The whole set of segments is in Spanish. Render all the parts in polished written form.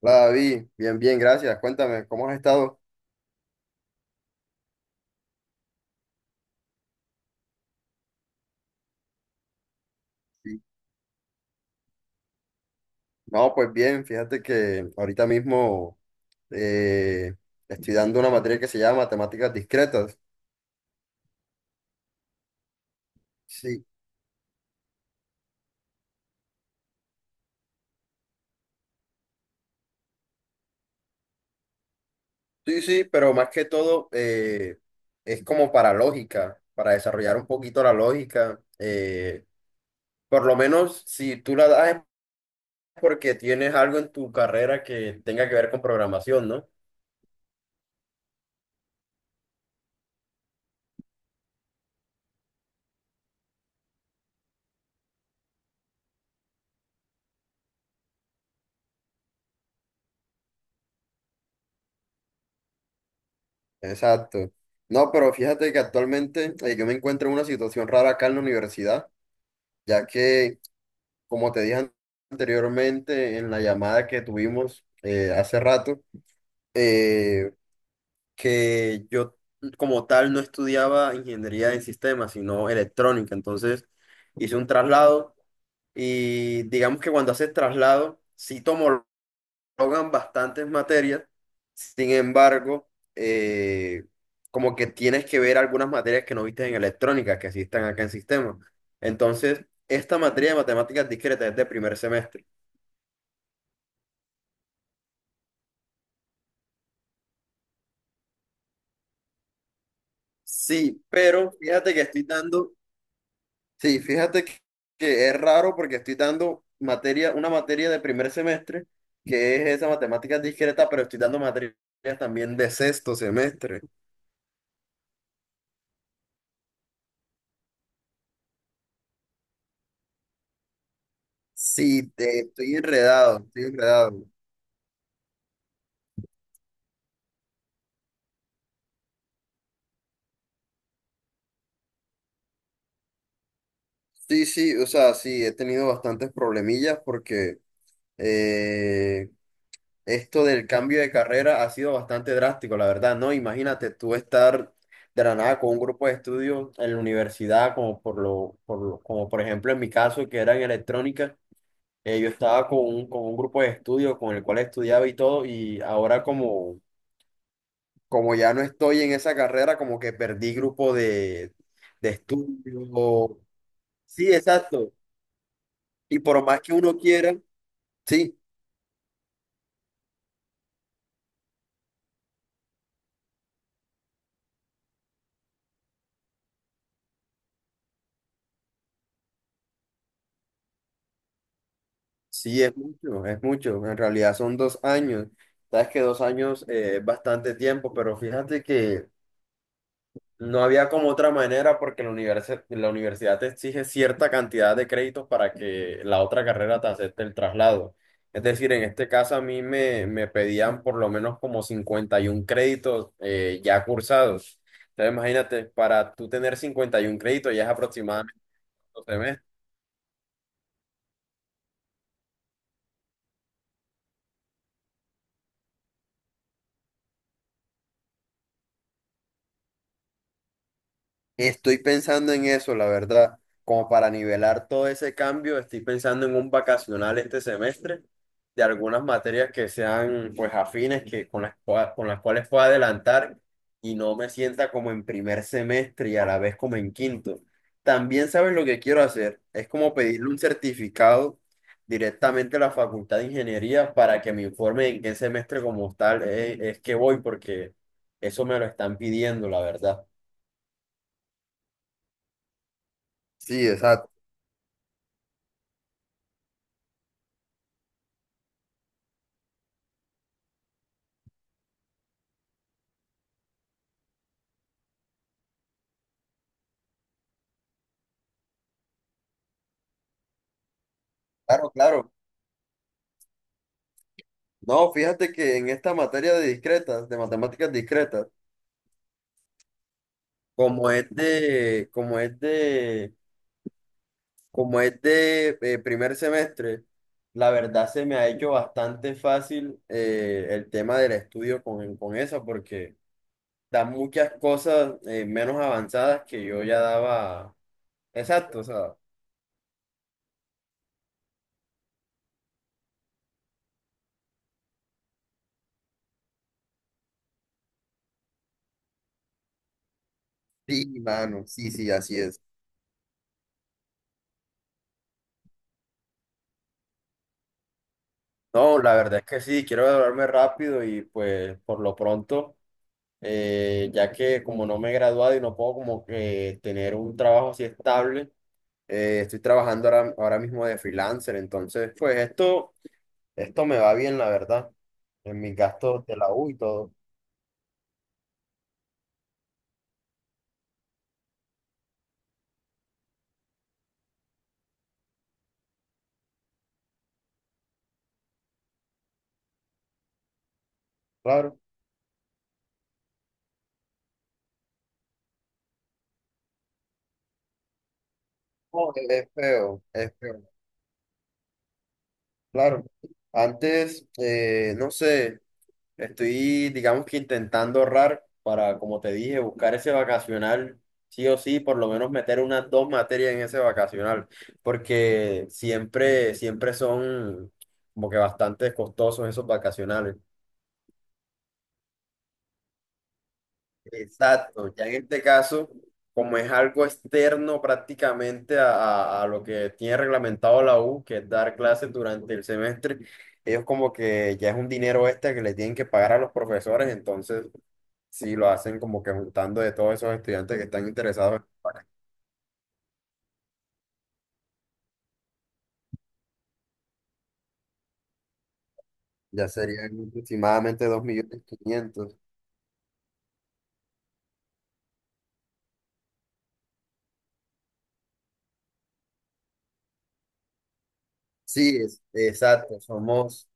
Hola David, bien, bien, gracias. Cuéntame, ¿cómo has estado? Sí. No, pues bien, fíjate que ahorita mismo eh, estoy dando una materia que se llama Matemáticas Discretas. Sí, sí, pero más que todo es como para lógica, para desarrollar un poquito la lógica. Por lo menos si tú la das es porque tienes algo en tu carrera que tenga que ver con programación, ¿no? Exacto. No, pero fíjate que actualmente yo me encuentro en una situación rara acá en la universidad ya que, como te dije anteriormente en la llamada que tuvimos hace rato, eh, que yo como tal no estudiaba ingeniería en sistemas, sino electrónica. Entonces hice un traslado y digamos que cuando haces traslado, sí tomo ahogan bastantes materias, sin embargo, eh, como que tienes que ver algunas materias que no viste en electrónica, que sí están acá en sistema. Entonces, esta materia de matemáticas discretas es de primer semestre. Sí, pero fíjate que estoy dando, sí, fíjate que es raro porque estoy dando materia, una materia de primer semestre, que es esa matemática discreta, pero estoy dando materias también de sexto semestre. Estoy enredado, estoy enredado. Sí, sí, o sea, sí, he tenido bastantes problemillas porque eh, esto del cambio de carrera ha sido bastante drástico, la verdad, ¿no? Imagínate tú estar de la nada con un grupo de estudio en la universidad, como como por ejemplo en mi caso, que era en electrónica, yo estaba con un grupo de estudio con el cual estudiaba y todo, y ahora como, como ya no estoy en esa carrera, como que perdí grupo de estudio. Sí, exacto. Y por más que uno quiera, sí, sí, es mucho, es mucho. En realidad son dos años. Sabes que dos años es bastante tiempo, pero fíjate que no había como otra manera porque la universidad te exige cierta cantidad de créditos para que la otra carrera te acepte el traslado. Es decir, en este caso a mí me pedían por lo menos como 51 créditos ya cursados. Entonces imagínate, para tú tener 51 créditos ya es aproximadamente. Estoy pensando en eso, la verdad. Como para nivelar todo ese cambio, estoy pensando en un vacacional este semestre de algunas materias que sean pues afines, que con las, con las cuales pueda adelantar y no me sienta como en primer semestre y a la vez como en quinto. También sabes lo que quiero hacer, es como pedirle un certificado directamente a la Facultad de Ingeniería para que me informe en qué semestre como tal es que voy, porque eso me lo están pidiendo, la verdad. Sí, exacto. Claro, claro. No, fíjate que en esta materia de discretas, de matemáticas discretas, como es de, como es de, como es de primer semestre, la verdad se me ha hecho bastante fácil el tema del estudio con esa, porque da muchas cosas menos avanzadas que yo ya daba. Exacto, o sea. Sí, mano, sí, sí, así es. No, la verdad es que sí, quiero graduarme rápido y pues por lo pronto. Ya que como no me he graduado y no puedo como que tener un trabajo así estable, estoy trabajando ahora mismo de freelancer, entonces esto me va bien, la verdad, en mis gastos de la U y todo, claro. No, es feo, claro. Antes, no sé. Estoy, digamos que intentando ahorrar para, como te dije, buscar ese vacacional, sí o sí, por lo menos meter unas dos materias en ese vacacional, porque siempre, siempre son como que bastante costosos esos vacacionales. Exacto, ya en este caso, como es algo externo prácticamente a, a lo que tiene reglamentado la U, que es dar clases durante el semestre, ellos como que ya es un dinero extra que le tienen que pagar a los profesores, entonces si lo hacen como que juntando de todos esos estudiantes que están interesados, ya serían aproximadamente 2.500.000. Sí, es, exacto, somos...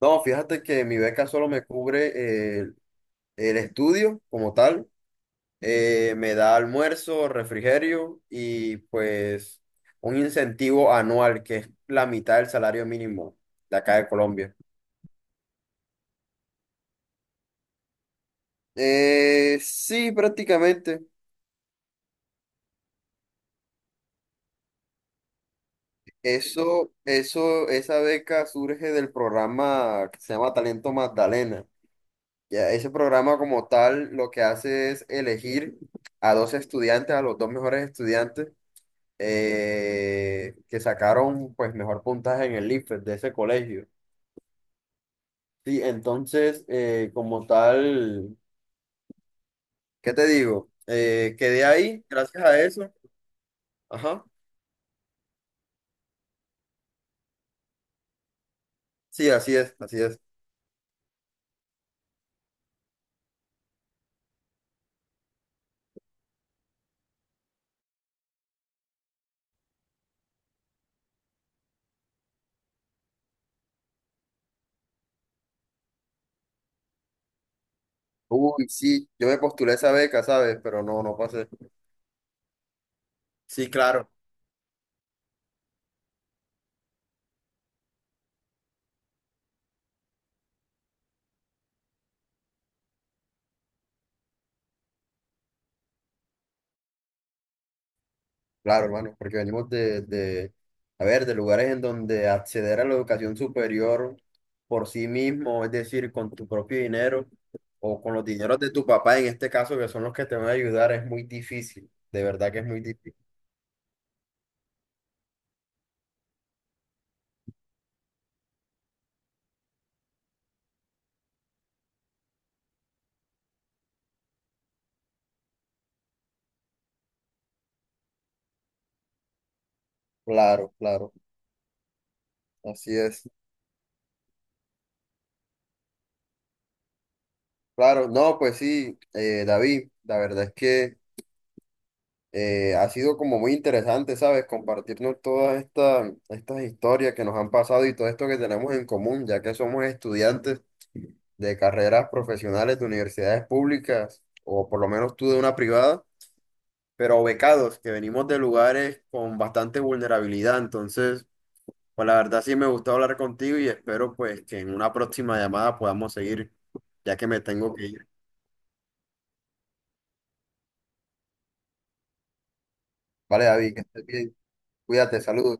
No, fíjate que mi beca solo me cubre el estudio como tal, me da almuerzo, refrigerio y pues un incentivo anual que es la mitad del salario mínimo de acá de Colombia. Sí, prácticamente. Esa beca surge del programa que se llama Talento Magdalena. Ya, ese programa como tal lo que hace es elegir a dos estudiantes, a los dos mejores estudiantes que sacaron pues mejor puntaje en el IFES de ese colegio. Sí, entonces como tal, ¿qué te digo? Quedé ahí gracias a eso. Ajá. Sí, así es, así es. Uy, sí, yo me postulé esa beca, ¿sabes? Pero no, no pasé. Sí, claro. Claro, hermano, porque venimos de, a ver, de lugares en donde acceder a la educación superior por sí mismo, es decir, con tu propio dinero o con los dineros de tu papá, en este caso, que son los que te van a ayudar, es muy difícil, de verdad que es muy difícil. Claro, claro, así es. Claro, no, pues sí, David, la verdad es que... Ha sido como muy interesante, ¿sabes? Compartirnos todas estas historias que nos han pasado y todo esto que tenemos en común, ya que somos estudiantes de carreras profesionales de universidades públicas, o por lo menos tú de una privada, pero becados, que venimos de lugares con bastante vulnerabilidad. Entonces, pues la verdad sí me gustó hablar contigo y espero pues que en una próxima llamada podamos seguir, ya que me tengo que ir. Vale, David, que estés bien. Cuídate, saludos.